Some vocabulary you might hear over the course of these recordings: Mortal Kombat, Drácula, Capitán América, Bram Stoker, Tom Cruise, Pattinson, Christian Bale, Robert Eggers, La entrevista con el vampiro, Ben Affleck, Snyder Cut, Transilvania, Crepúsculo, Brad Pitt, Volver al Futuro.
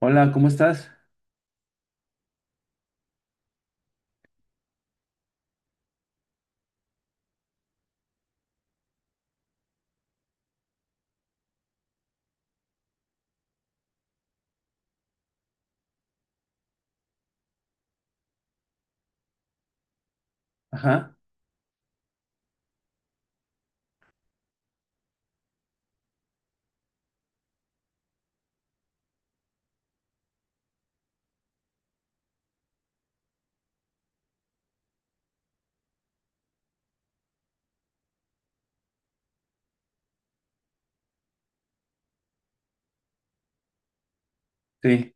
Hola, ¿cómo estás? Ajá, sí.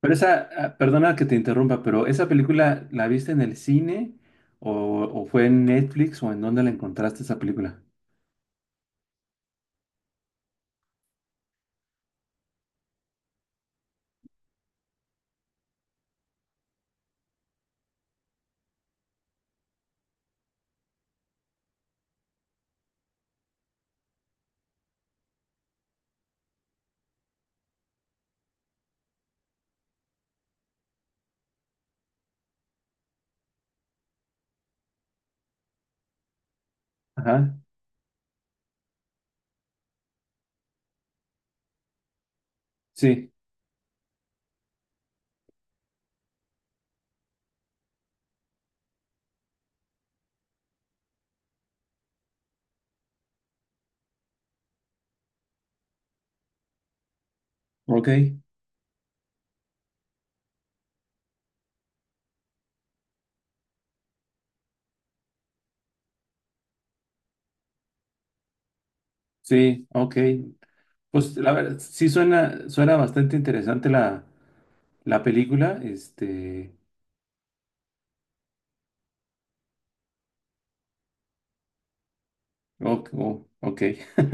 Pero esa, perdona que te interrumpa, pero ¿esa película la viste en el cine o, o fue en Netflix o en dónde la encontraste esa película? Ajá, sí, ok, sí, ok. Pues la verdad, sí suena, suena bastante interesante la película, oh, oh, ok.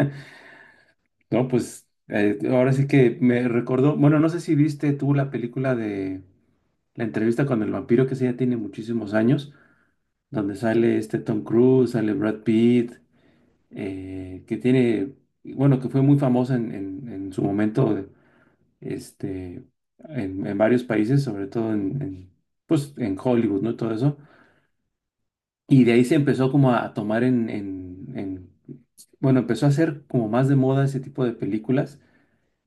No, pues ahora sí que me recordó, bueno, no sé si viste tú la película de La entrevista con el vampiro, que esa ya tiene muchísimos años. Donde sale este Tom Cruise, sale Brad Pitt, que tiene, bueno, que fue muy famosa en su momento, este, en varios países, sobre todo pues, en Hollywood, ¿no? Todo eso. Y de ahí se empezó como a tomar bueno, empezó a hacer como más de moda ese tipo de películas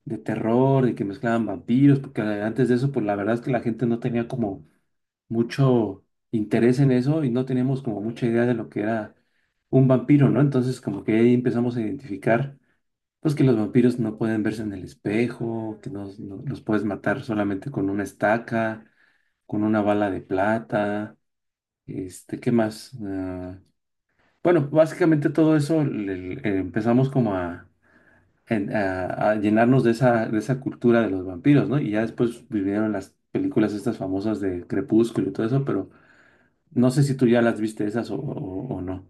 de terror, de que mezclaban vampiros, porque antes de eso, pues la verdad es que la gente no tenía como mucho interés en eso y no teníamos como mucha idea de lo que era un vampiro, ¿no? Entonces como que ahí empezamos a identificar, pues que los vampiros no pueden verse en el espejo, que los puedes matar solamente con una estaca, con una bala de plata, este, ¿qué más? Ah, bueno, básicamente todo eso empezamos como a... a llenarnos de de esa cultura de los vampiros, ¿no? Y ya después vinieron las películas estas famosas de Crepúsculo y todo eso, pero no sé si tú ya las viste esas o, o no.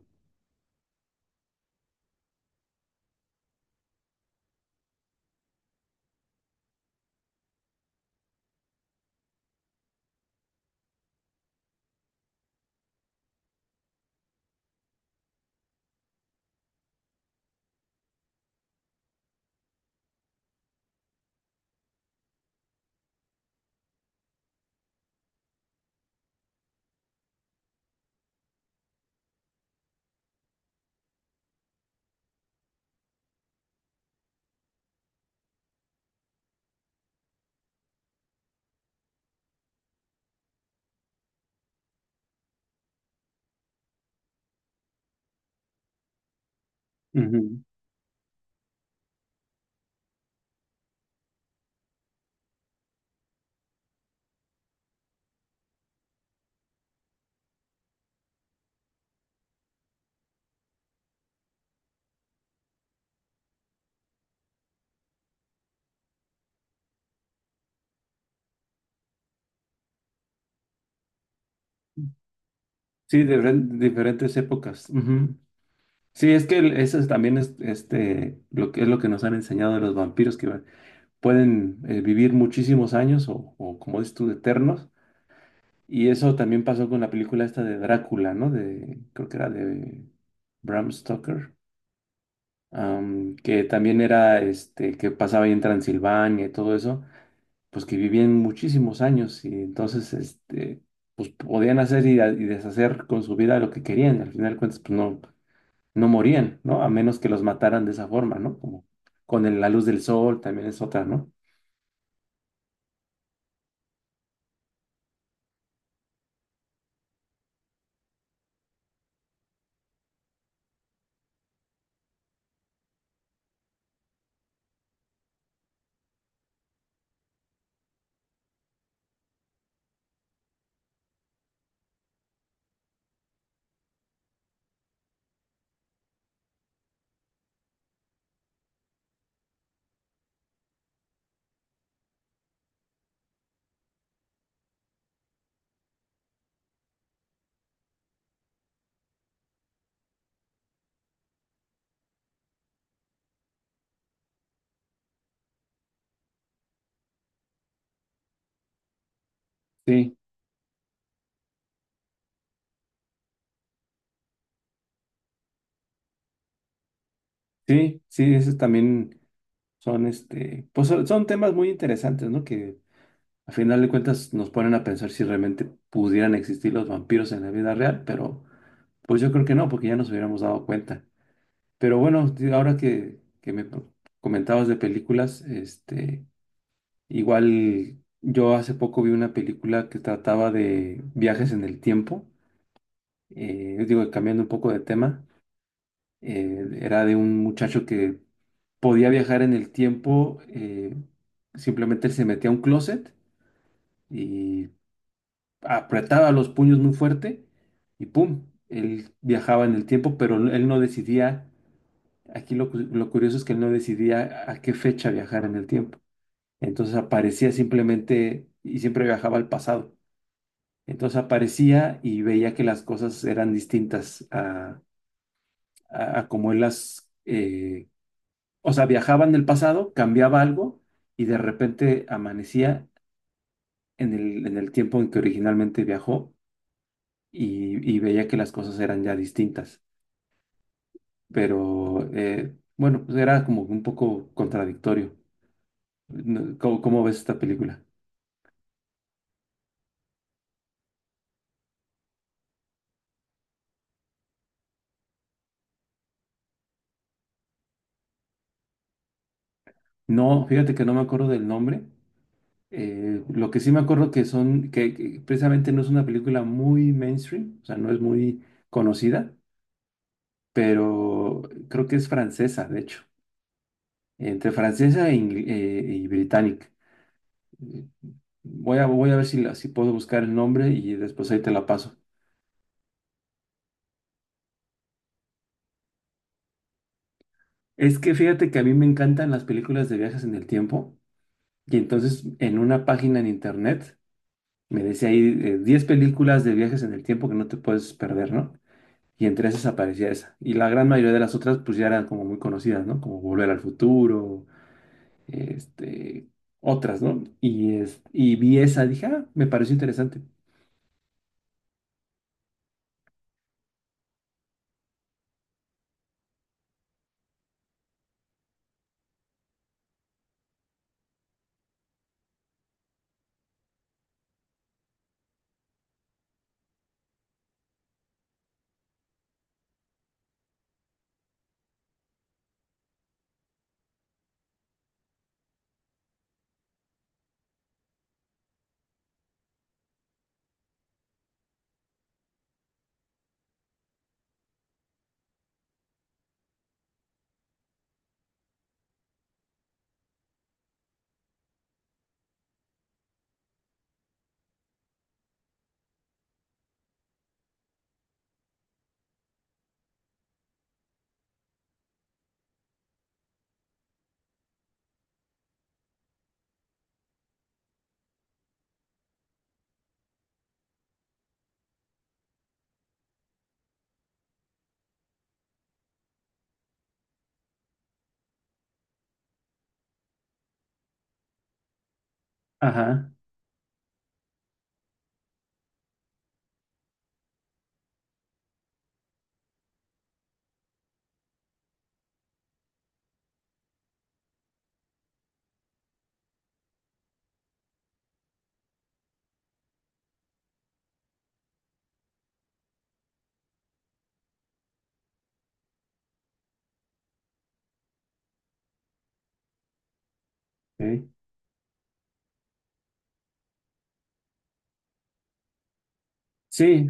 Ujú. Sí, de diferentes épocas. Ujú. Sí, es que eso es también es este, lo que es lo que nos han enseñado de los vampiros, que pueden vivir muchísimos años o, como dices tú, eternos. Y eso también pasó con la película esta de Drácula, ¿no? De, creo que era de Bram Stoker, que también era este, que pasaba ahí en Transilvania y todo eso. Pues que vivían muchísimos años y entonces, este, pues podían hacer y deshacer con su vida lo que querían. Al final de cuentas, pues no, no morían, ¿no? A menos que los mataran de esa forma, ¿no? Como con la luz del sol también es otra, ¿no? Sí, sí, sí, esos también son, este, pues son, son temas muy interesantes, ¿no? Que al final de cuentas nos ponen a pensar si realmente pudieran existir los vampiros en la vida real, pero pues yo creo que no, porque ya nos hubiéramos dado cuenta. Pero bueno, ahora que, me comentabas de películas, este, igual yo hace poco vi una película que trataba de viajes en el tiempo, digo, cambiando un poco de tema, era de un muchacho que podía viajar en el tiempo, simplemente él se metía a un closet y apretaba los puños muy fuerte y ¡pum! Él viajaba en el tiempo, pero él no decidía. Aquí lo, lo curioso es que él no decidía a qué fecha viajar en el tiempo. Entonces aparecía simplemente y siempre viajaba al pasado. Entonces aparecía y veía que las cosas eran distintas a, a como él las... o sea, viajaba en el pasado, cambiaba algo y de repente amanecía en el tiempo en que originalmente viajó y veía que las cosas eran ya distintas. Pero bueno, pues era como un poco contradictorio. ¿Cómo, cómo ves esta película? No, fíjate que no me acuerdo del nombre. Lo que sí me acuerdo que son, que precisamente no es una película muy mainstream, o sea, no es muy conocida, pero creo que es francesa, de hecho, entre francesa e y británica. Eh, voy a ver si, si puedo buscar el nombre y después ahí te la paso. Es que fíjate que a mí me encantan las películas de viajes en el tiempo y entonces en una página en internet me decía ahí 10 películas de viajes en el tiempo que no te puedes perder, ¿no? Y entre esas aparecía esa. Y la gran mayoría de las otras pues ya eran como muy conocidas, ¿no? Como Volver al Futuro, este, otras, ¿no? Y, es, y vi esa, dije, ah, me pareció interesante. Ajá, ok. Sí,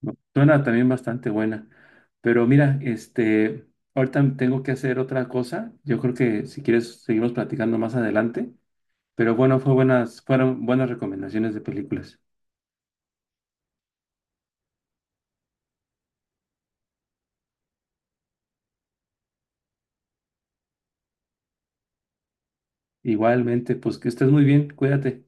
no, suena también bastante buena. Pero mira, este, ahorita tengo que hacer otra cosa. Yo creo que si quieres seguimos platicando más adelante. Pero bueno, fue buenas, fueron buenas recomendaciones de películas. Igualmente, pues que estés muy bien, cuídate.